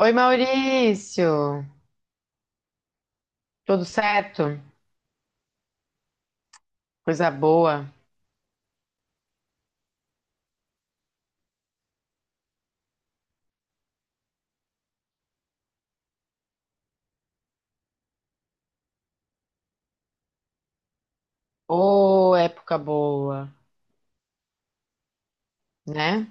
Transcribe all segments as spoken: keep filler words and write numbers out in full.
Oi, Maurício! Tudo certo? Coisa boa. Ô, época boa, né?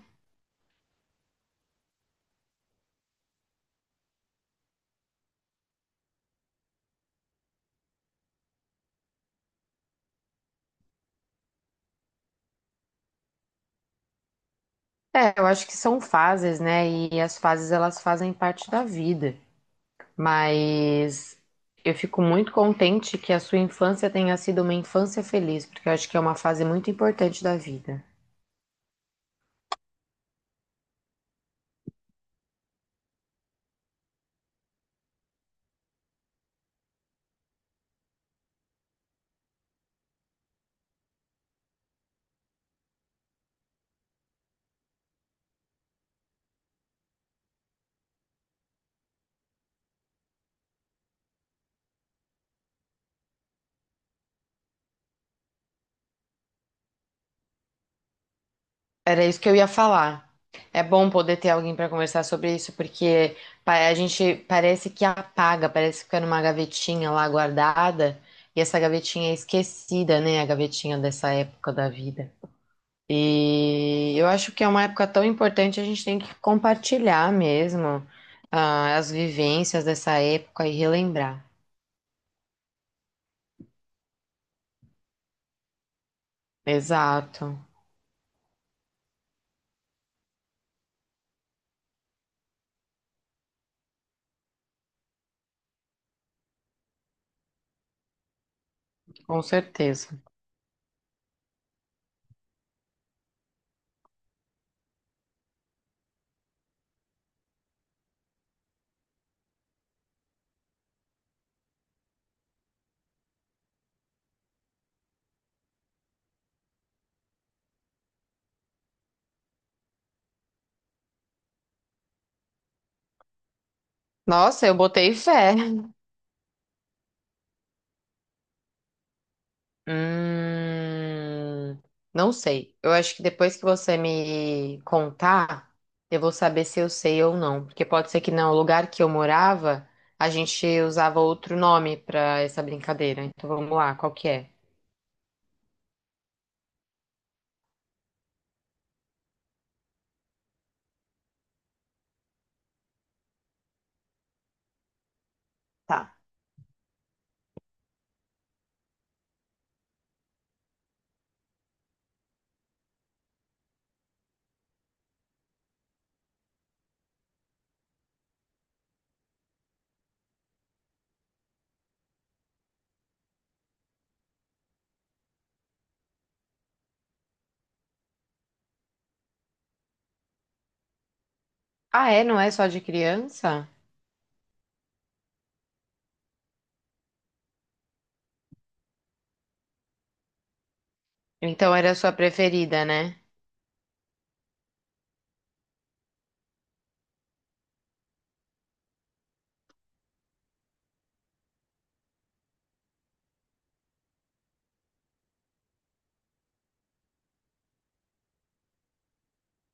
É, eu acho que são fases, né? E as fases elas fazem parte da vida. Mas eu fico muito contente que a sua infância tenha sido uma infância feliz, porque eu acho que é uma fase muito importante da vida. Era isso que eu ia falar. É bom poder ter alguém para conversar sobre isso, porque pa- a gente parece que apaga, parece que fica numa gavetinha lá guardada, e essa gavetinha é esquecida, né? A gavetinha dessa época da vida. E eu acho que é uma época tão importante, a gente tem que compartilhar mesmo, ah, as vivências dessa época e relembrar. Exato, com certeza. Nossa, eu botei fé. Hum, não sei. Eu acho que depois que você me contar, eu vou saber se eu sei ou não. Porque pode ser que não. O lugar que eu morava, a gente usava outro nome pra essa brincadeira. Então vamos lá, qual que é? Tá. Ah, é? Não é só de criança? Então era a sua preferida, né?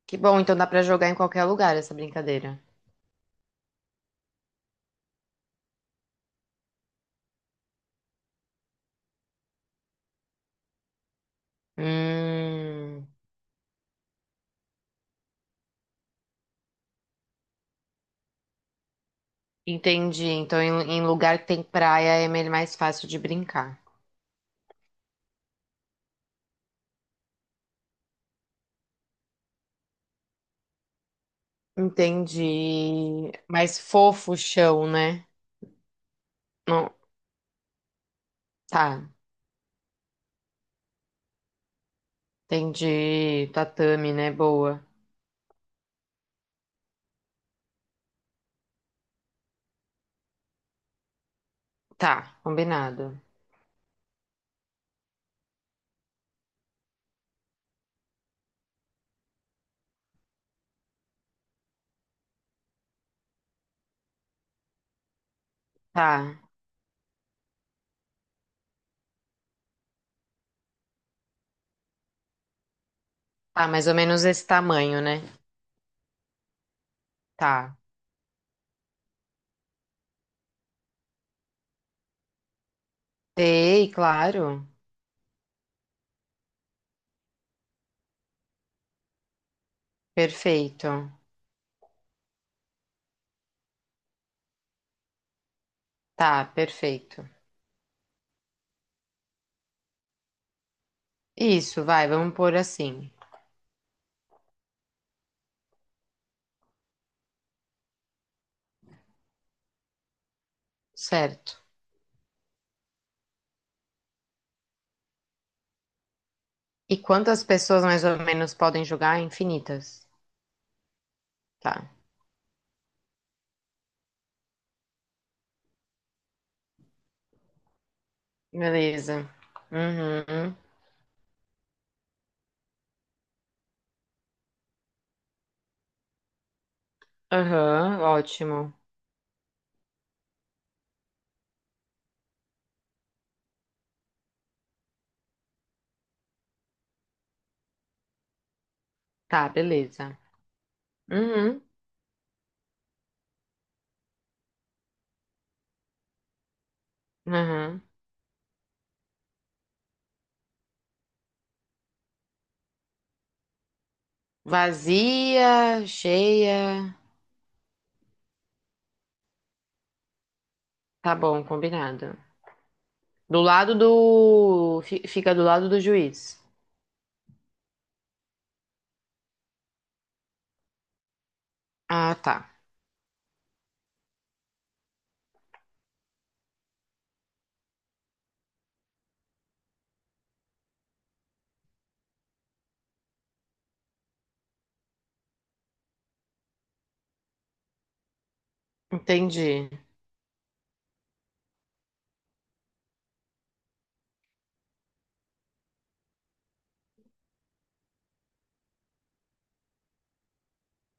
Que bom, então dá pra jogar em qualquer lugar essa brincadeira. Hum, entendi. Então em, em lugar que tem praia é mais fácil de brincar. Entendi. Mais fofo o chão, né? Não, tá. Entendi. Tatame, né? Boa. Tá, combinado. Tá. Tá, mais ou menos esse tamanho, né? Tá. Dei, claro. Perfeito. Tá, perfeito. Isso, vai, vamos pôr assim. Certo. E quantas pessoas mais ou menos podem jogar? Infinitas. Tá. Beleza. Uhum. Aham, ótimo. Tá, beleza. Uhum. Aham. Vazia, cheia. Tá bom, combinado. Do lado do. Fi- Fica do lado do juiz. Ah, tá. Entendi.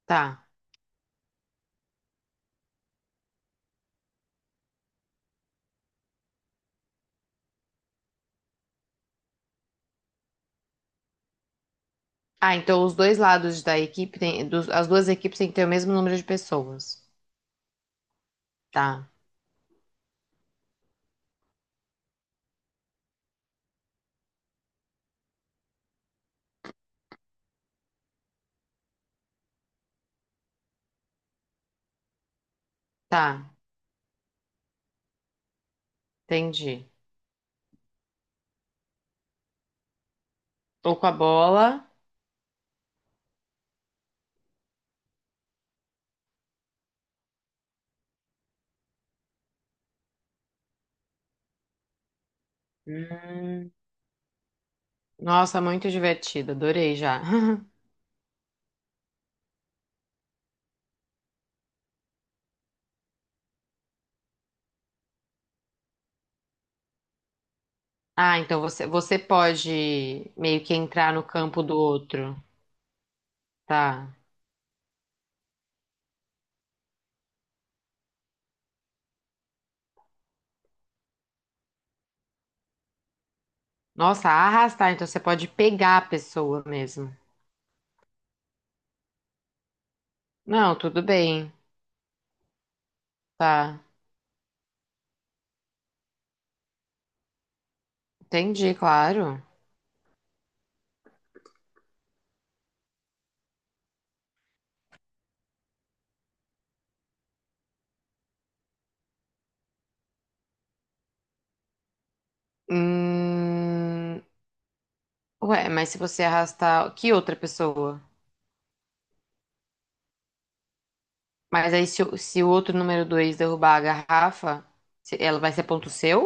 Tá. Ah, então os dois lados da equipe tem. Dos- as duas equipes têm que ter o mesmo número de pessoas. Tá. Tá. Entendi. Tô com a bola. Hum. Nossa, muito divertido. Adorei já. Ah, então você, você pode meio que entrar no campo do outro. Tá. Nossa, arrastar, então você pode pegar a pessoa mesmo. Não, tudo bem. Tá. Entendi, claro. Hum... Ué, mas se você arrastar. Que outra pessoa? Mas aí, se, o- se o outro número dois derrubar a garrafa, se- ela vai ser ponto seu?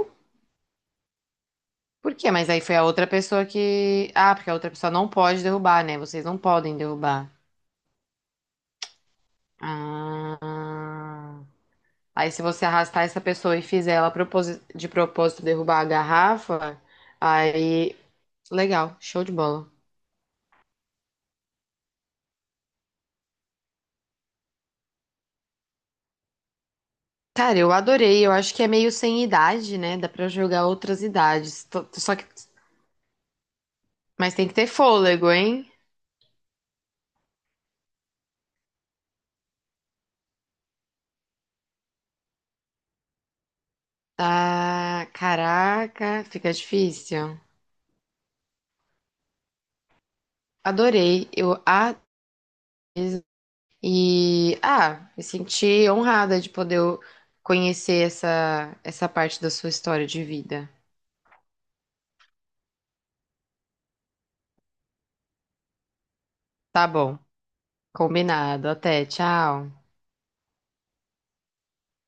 Por quê? Mas aí foi a outra pessoa que. Ah, porque a outra pessoa não pode derrubar, né? Vocês não podem derrubar. Ah. Aí, se você arrastar essa pessoa e fizer ela proposi- de propósito derrubar a garrafa, aí. Legal, show de bola. Cara, eu adorei. Eu acho que é meio sem idade, né? Dá pra jogar outras idades. Tô- tô- Só que. Mas tem que ter fôlego, hein? Ah, caraca, fica difícil. Adorei. Eu a e ah, me senti honrada de poder conhecer essa essa parte da sua história de vida. Tá bom. Combinado. Até, tchau.